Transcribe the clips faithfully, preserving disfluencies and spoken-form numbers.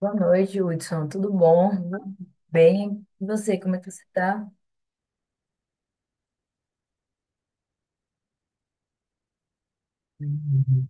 Boa noite, Hudson. Tudo bom? Bem, e você, como é que você tá? Uhum.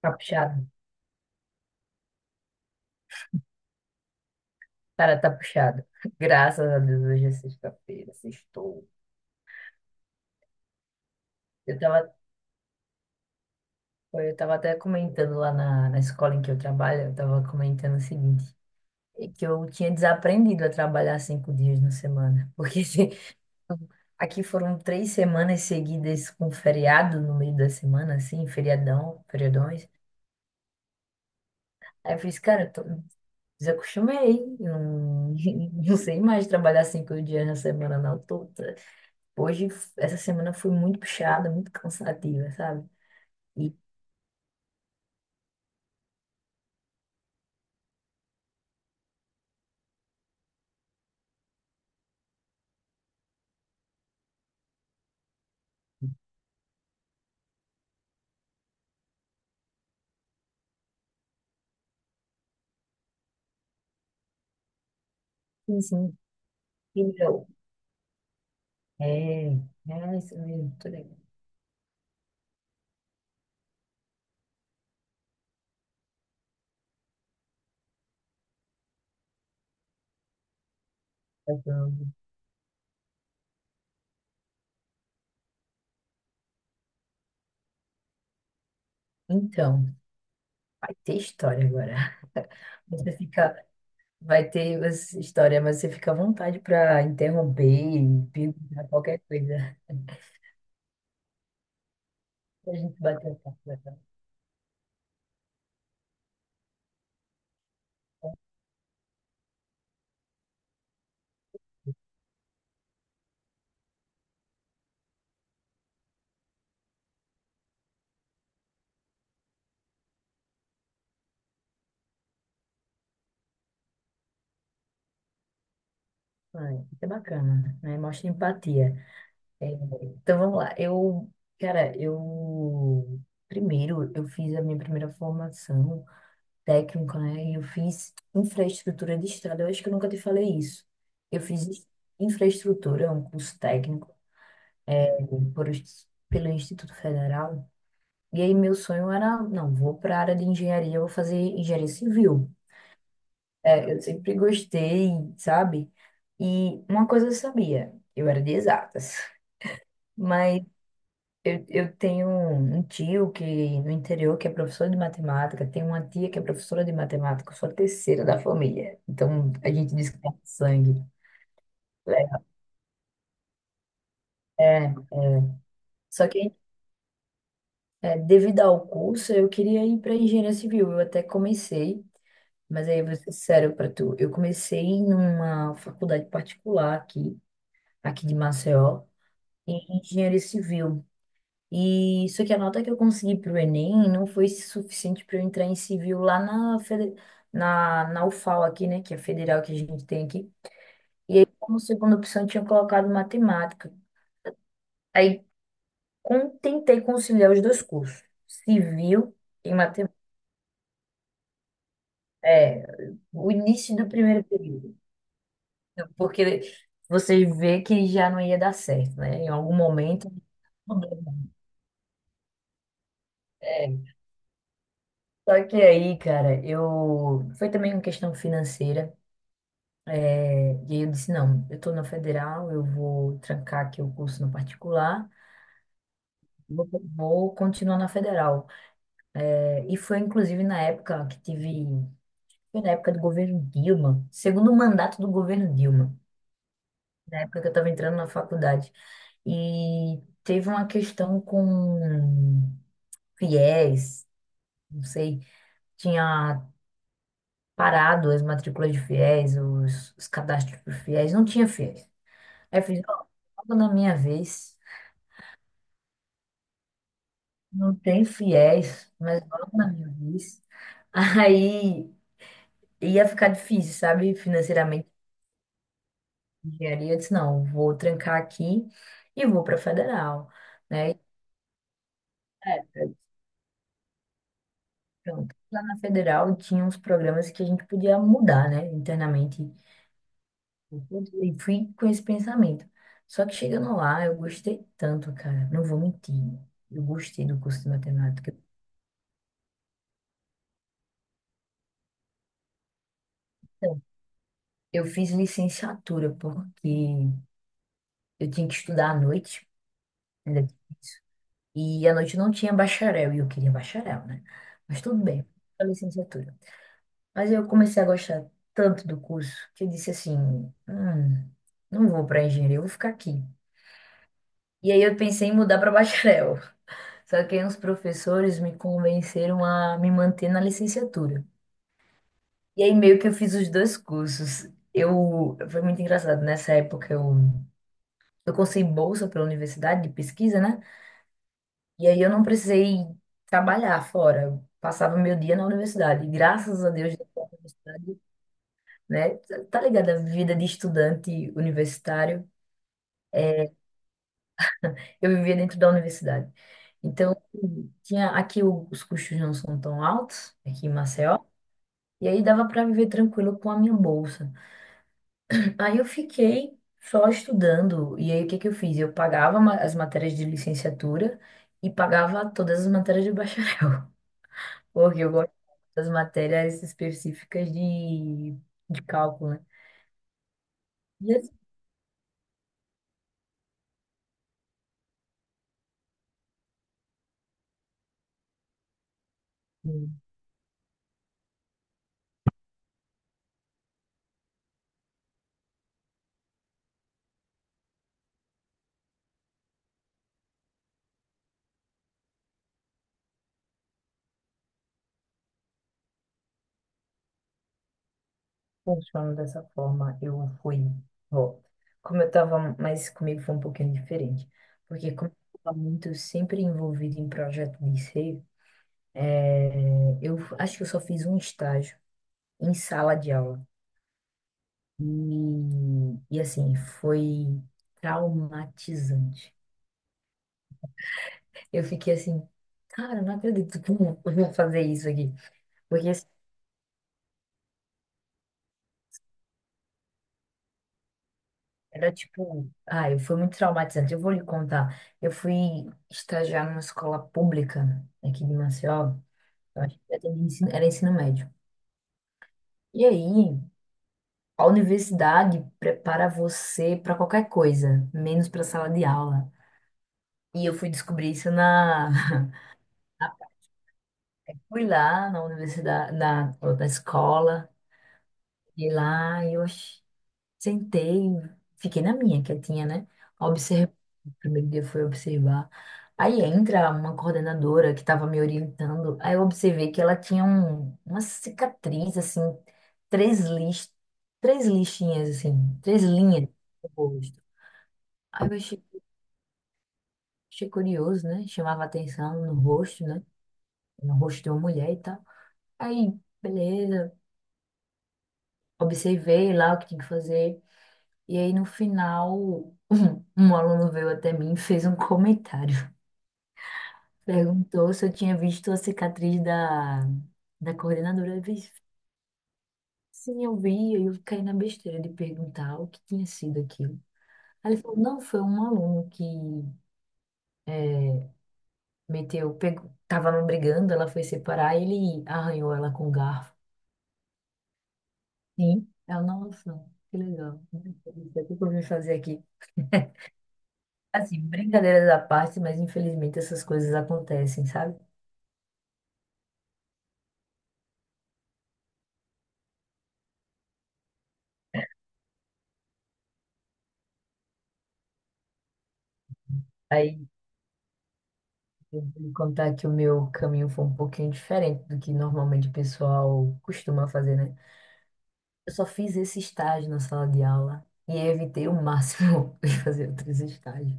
Tá puxado? Cara, tá puxado. Graças a Deus, hoje é sexta-feira, sextou. Eu tava, eu tava até comentando lá na, na escola em que eu trabalho, eu tava comentando o seguinte, é que eu tinha desaprendido a trabalhar cinco dias na semana, porque assim, aqui foram três semanas seguidas com feriado no meio da semana, assim, feriadão, feriadões. Aí eu fiz, cara, eu tô- desacostumei. Não, não sei mais trabalhar cinco dias na semana, não. Tô, tô- hoje, essa semana foi muito puxada, muito cansativa, sabe? E assim, incrível. É, é isso mesmo, tô ligado. Então, vai ter história agora. Você fica, Vai ter essa história, mas você fica à vontade para interromper e perguntar qualquer coisa. A gente bater o papo, vai ser bacana, né? Mostra empatia. É, Então vamos lá. Eu, cara, eu primeiro eu fiz a minha primeira formação técnica, né? E eu fiz infraestrutura de estrada. Eu acho que eu nunca te falei isso. Eu fiz infraestrutura, um curso técnico por, ins- pelo Instituto Federal. E aí meu sonho era, não, vou para a área de engenharia, eu vou fazer engenharia civil. É, eu sempre gostei, sabe? E uma coisa eu sabia, eu era de exatas. Mas Eu, eu tenho um tio que no interior que é professor de matemática, tenho uma tia que é professora de matemática, eu sou a terceira da família. Então a gente diz que é sangue, né? É, é. Só que é, devido ao curso, eu queria ir para engenharia civil. Eu até comecei, mas aí eu vou ser sério para tu. Eu comecei numa faculdade particular aqui, aqui de Maceió, em engenharia civil. E só que a nota que eu consegui pro Enem não foi suficiente para eu entrar em civil lá na, fede- na, na UFAL aqui, né? Que é a federal que a gente tem aqui. E aí, como segunda opção, eu tinha colocado matemática. Aí, com- tentei conciliar os dois cursos, civil e matemática. É, o início do primeiro período. Então, porque você vê que já não ia dar certo, né? Em algum momento. É, Só que aí, cara, eu. Foi também uma questão financeira. É, E aí eu disse, não, eu estou na federal, eu vou trancar aqui o curso no particular, vou, vou continuar na federal. É, E foi inclusive na época que tive, foi na época do governo Dilma, segundo mandato do governo Dilma, na época que eu estava entrando na faculdade. E teve uma questão com fiéis, não sei, tinha parado as matrículas de fiéis, os, os cadastros de fiéis, não tinha FIES. Aí eu fiz, ó, logo na minha vez. Não tem fiéis, mas logo na minha vez. Aí ia ficar difícil, sabe? Financeiramente, engenharia. Eu disse, não, vou trancar aqui e vou para federal, né? É, pronto. Lá na federal tinha uns programas que a gente podia mudar, né? Internamente. E fui com esse pensamento. Só que chegando lá, eu gostei tanto, cara. Não vou mentir. Eu gostei do curso de matemática. Então, eu fiz licenciatura porque eu tinha que estudar à noite. Ainda difícil. E à noite não tinha bacharel, e eu queria bacharel, né? Mas tudo bem, a licenciatura. Mas eu comecei a gostar tanto do curso que eu disse assim: "Hum, não vou para engenharia, eu vou ficar aqui." E aí eu pensei em mudar para bacharel. Só que aí uns professores me convenceram a me manter na licenciatura. E aí meio que eu fiz os dois cursos. Eu, foi muito engraçado, nessa época eu, eu consegui bolsa pela universidade de pesquisa, né? E aí eu não precisei trabalhar fora. Eu passava meu dia na universidade. E graças a Deus, depois da universidade, né? Tá tá ligado? A vida de estudante universitário, eu vivia dentro da universidade. Então, tinha aqui o- os custos não são tão altos, aqui em Maceió. E aí dava para viver tranquilo com a minha bolsa. Aí eu fiquei só estudando. E aí o que que eu fiz? Eu pagava ma- as matérias de licenciatura e pagava todas as matérias de bacharel. Porque eu gosto das matérias específicas de, de cálculo, né? E assim, funcionando dessa forma. Eu fui, ó, como eu estava, mas comigo foi um pouquinho diferente. Porque como eu estava muito sempre envolvido em projeto de ser, eu f- acho que eu só fiz um estágio em sala de aula. E, e assim, foi traumatizante. Eu fiquei assim, cara, não acredito que eu vou fazer isso aqui. Porque assim, era tipo, ai, foi muito traumatizante. Eu vou lhe contar. Eu fui estagiar numa escola pública aqui de Maceió. Eu acho que era ensino era ensino médio. E aí, a universidade prepara você para qualquer coisa, menos para sala de aula. E eu fui descobrir isso na Fui lá na universidade, na, na escola. E lá eu ach- sentei, fiquei na minha, quietinha, né? Observei. O primeiro dia foi observar. Aí entra uma coordenadora que estava me orientando. Aí eu observei que ela tinha um, uma cicatriz, assim, três lix três lixinhas, assim, três linhas no rosto. Aí eu achei, achei curioso, né? Chamava atenção no rosto, né? No rosto de uma mulher e tal. Aí, beleza, observei lá o que tinha que fazer. E aí, no final, um aluno veio até mim e fez um comentário. Perguntou se eu tinha visto a cicatriz da, da coordenadora. Eu disse, sim, eu vi. Aí eu caí na besteira de perguntar o que tinha sido aquilo. Aí ele falou, não, foi um aluno que meteu, pegou, tava brigando, ela foi separar, ele arranhou ela com um garfo. Sim, eu, nossa, que legal. Isso é. O que eu vim fazer aqui? Assim, brincadeiras à parte, mas infelizmente essas coisas acontecem, sabe? Aí Eu vou contar que o meu caminho foi um pouquinho diferente do que normalmente o pessoal costuma fazer, né? Eu só fiz esse estágio na sala de aula e evitei o máximo de fazer outros estágios.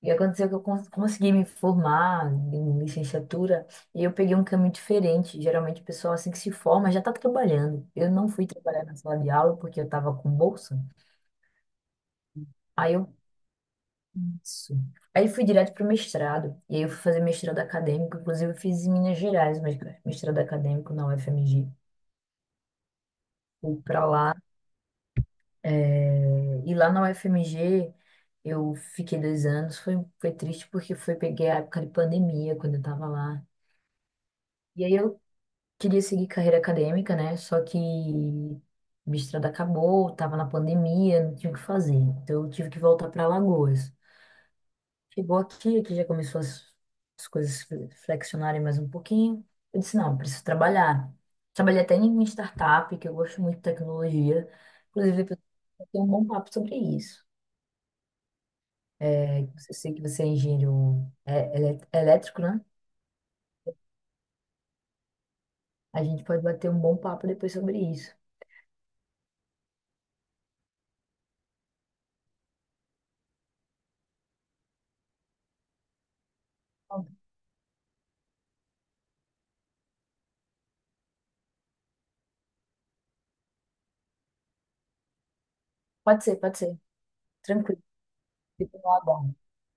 E aconteceu que eu cons- consegui me formar em licenciatura e eu peguei um caminho diferente. Geralmente o pessoal assim que se forma já está trabalhando. Eu não fui trabalhar na sala de aula porque eu estava com bolsa. Aí eu isso. Aí fui direto para o mestrado, e aí eu fui fazer mestrado acadêmico, inclusive eu fiz em Minas Gerais, mas mestrado acadêmico na U F M G. Fui para lá, eh, e lá na U F M G eu fiquei dois anos, foi, foi triste porque foi, peguei a época de pandemia, quando eu estava lá. E aí eu queria seguir carreira acadêmica, né, só que o mestrado acabou, estava na pandemia, não tinha o que fazer, então eu tive que voltar para Alagoas. Chegou aqui, aqui, já começou as, as coisas fle- flexionarem mais um pouquinho. Eu disse, não, preciso trabalhar. Trabalhei até em uma startup, que eu gosto muito de tecnologia. Inclusive, eu tenho um bom papo sobre isso. É, Eu sei que você é engenheiro é, elé- elétrico, né? A gente pode bater um bom papo depois sobre isso. Pode ser, pode ser. Tranquilo. Fico no aguardo.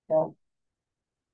Tchau.